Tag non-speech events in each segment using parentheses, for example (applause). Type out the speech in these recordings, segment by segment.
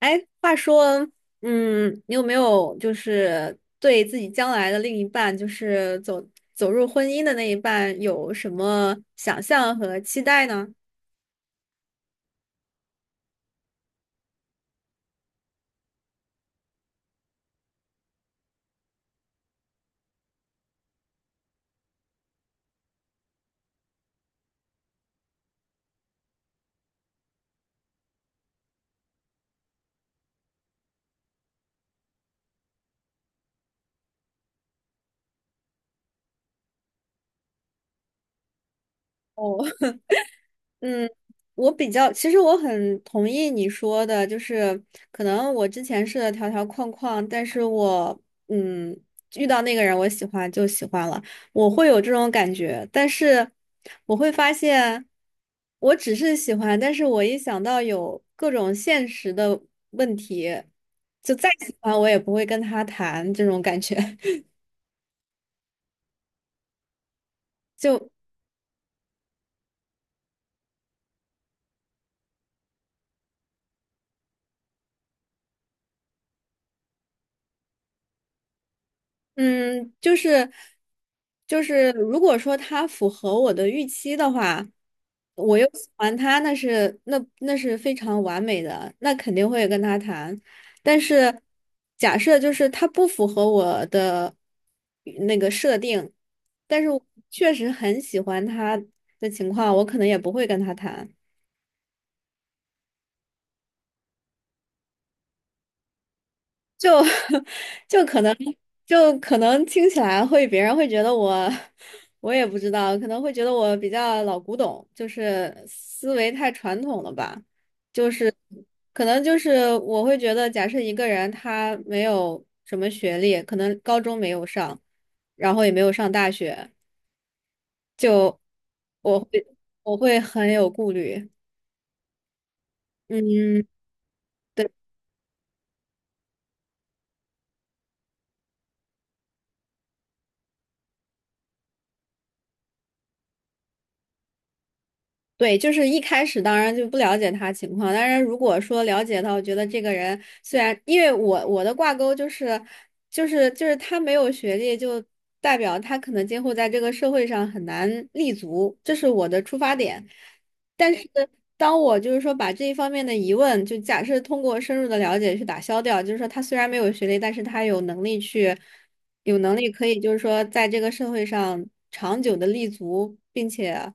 哎，话说，你有没有就是对自己将来的另一半，就是走入婚姻的那一半，有什么想象和期待呢？哦。嗯，我比较，其实我很同意你说的，就是可能我之前是的条条框框，但是我嗯遇到那个人我喜欢就喜欢了，我会有这种感觉，但是我会发现我只是喜欢，但是我一想到有各种现实的问题，就再喜欢我也不会跟他谈这种感觉。(laughs) 就。嗯，就是，如果说他符合我的预期的话，我又喜欢他，那是非常完美的，那肯定会跟他谈。但是假设就是他不符合我的那个设定，但是我确实很喜欢他的情况，我可能也不会跟他谈。就 (laughs) 就可能就可能听起来会别人会觉得我我也不知道，可能会觉得我比较老古董，就是思维太传统了吧，就是可能就是我会觉得，假设一个人他没有什么学历，可能高中没有上，然后也没有上大学，就我会我会很有顾虑，嗯。对，就是一开始当然就不了解他情况，当然如果说了解到，我觉得这个人虽然因为我的挂钩就是，就是他没有学历，就代表他可能今后在这个社会上很难立足，这是我的出发点。但是当我就是说把这一方面的疑问，就假设通过深入的了解去打消掉，就是说他虽然没有学历，但是他有能力去。有能力可以就是说在这个社会上长久的立足，并且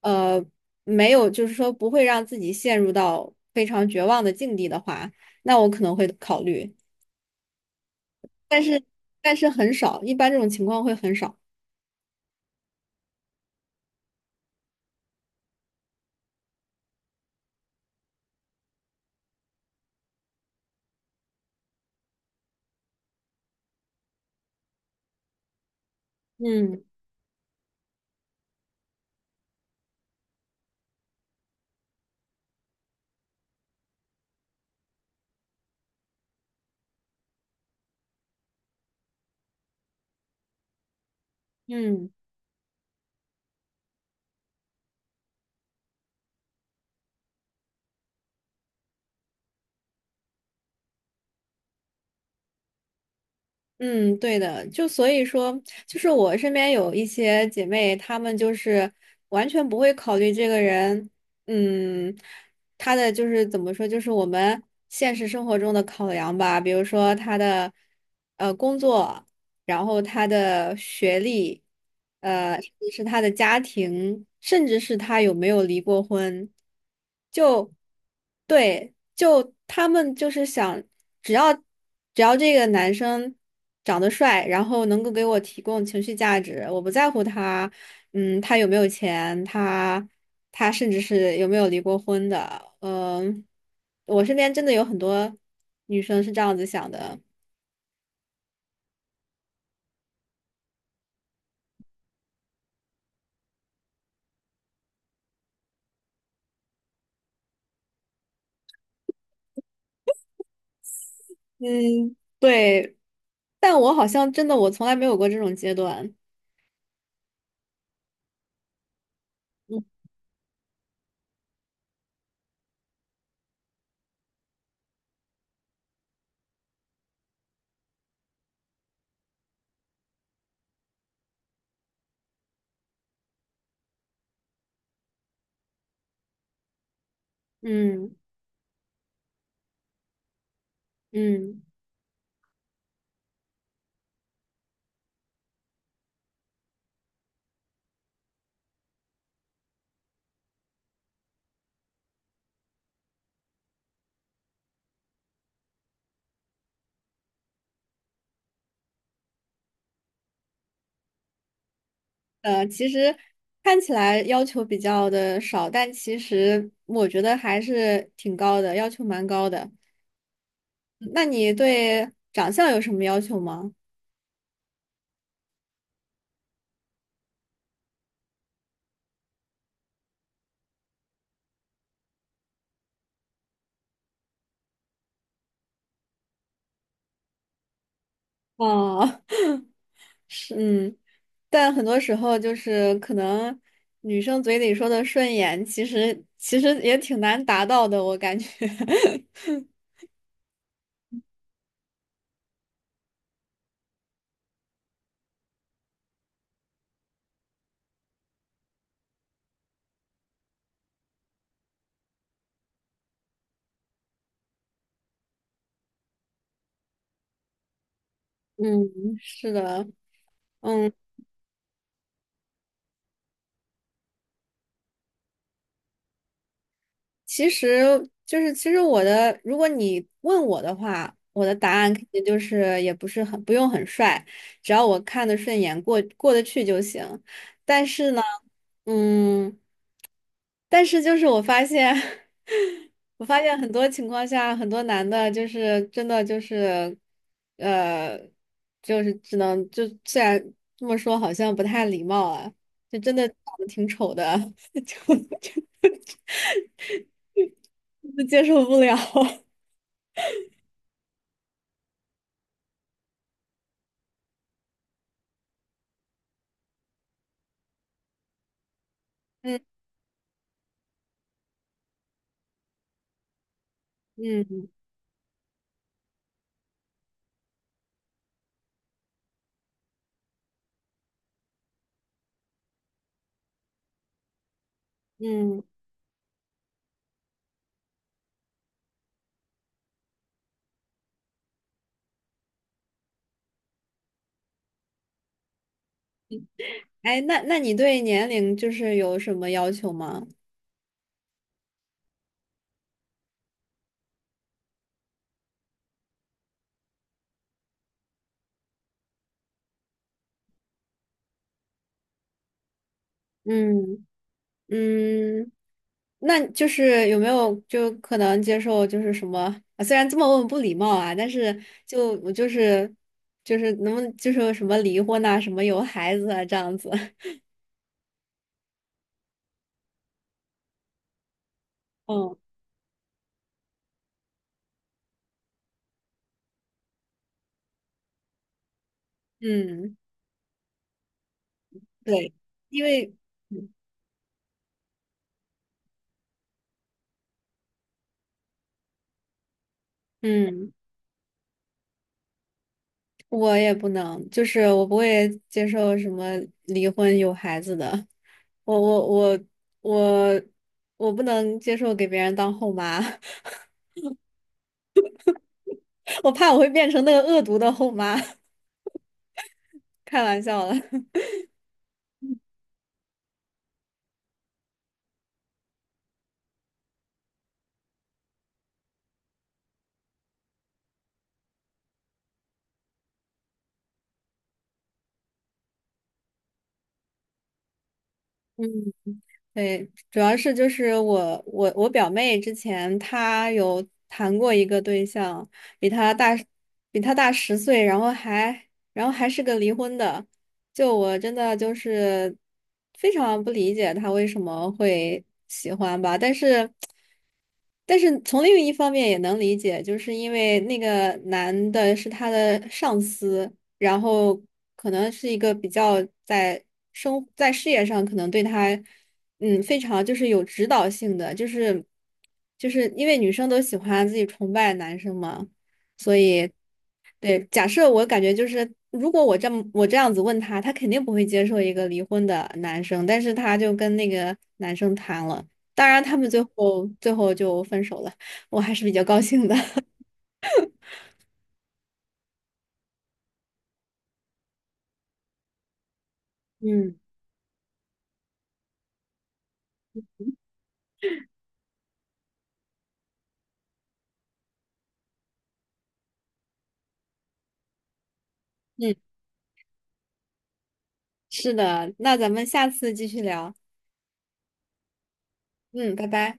呃没有就是说不会让自己陷入到非常绝望的境地的话，那我可能会考虑，但是很少，一般这种情况会很少。嗯嗯。嗯，对的，就所以说，就是我身边有一些姐妹，她们就是完全不会考虑这个人，嗯，她的就是怎么说，就是我们现实生活中的考量吧，比如说她的工作，然后他的学历，呃，甚至是他的家庭，甚至是他有没有离过婚，就对，就他们就是想，只要只要这个男生长得帅，然后能够给我提供情绪价值，我不在乎他，嗯，他有没有钱，他他甚至是有没有离过婚的，嗯、我身边真的有很多女生是这样子想的，嗯，对。但我好像真的我从来没有过这种阶段。嗯嗯，呃，其实看起来要求比较的少，但其实我觉得还是挺高的，要求蛮高的。那你对长相有什么要求吗？哦，(laughs) 是，嗯，但很多时候就是可能女生嘴里说的顺眼，其实也挺难达到的，我感觉。(laughs) 嗯，是的。嗯。其实就是，其实我的，如果你问我的话，我的答案肯定就是也不是很不用很帅，只要我看得顺眼，过过得去就行。但是呢，嗯，但是就是我发现，(laughs) 我发现很多情况下，很多男的就是真的就是，呃，就是只能就虽然这么说好像不太礼貌啊，就真的长得挺丑的，(laughs) 就就 (laughs) 接受不了。(laughs) 嗯。嗯嗯，哎，那你对年龄就是有什么要求吗？嗯嗯，那就是有没有就可能接受就是什么啊虽然这么问不礼貌啊，但是就我就是就是能不能就是什么离婚呐、什么有孩子啊这样子。(laughs) 嗯嗯，对，因为嗯。嗯我也不能，就是我不会接受什么离婚有孩子的，我我我我我不能接受给别人当后妈，(laughs) 我怕我会变成那个恶毒的后妈，(laughs) 开玩笑了。对，主要是就是我表妹之前她有谈过一个对象，比她大比她大10岁，然后还然后还是个离婚的，就我真的就是非常不理解她为什么会喜欢吧，但是。但是从另一方面也能理解，就是因为那个男的是他的上司，然后可能是一个比较在生在事业上可能对他，嗯，非常就是有指导性的，就是因为女生都喜欢自己崇拜男生嘛，所以对，假设我感觉就是。如果我这么我这样子问他，他肯定不会接受一个离婚的男生，但是他就跟那个男生谈了。当然，他们最后就分手了，我还是比较高兴的。(laughs) 嗯。嗯，是的，那咱们下次继续聊。嗯，拜拜。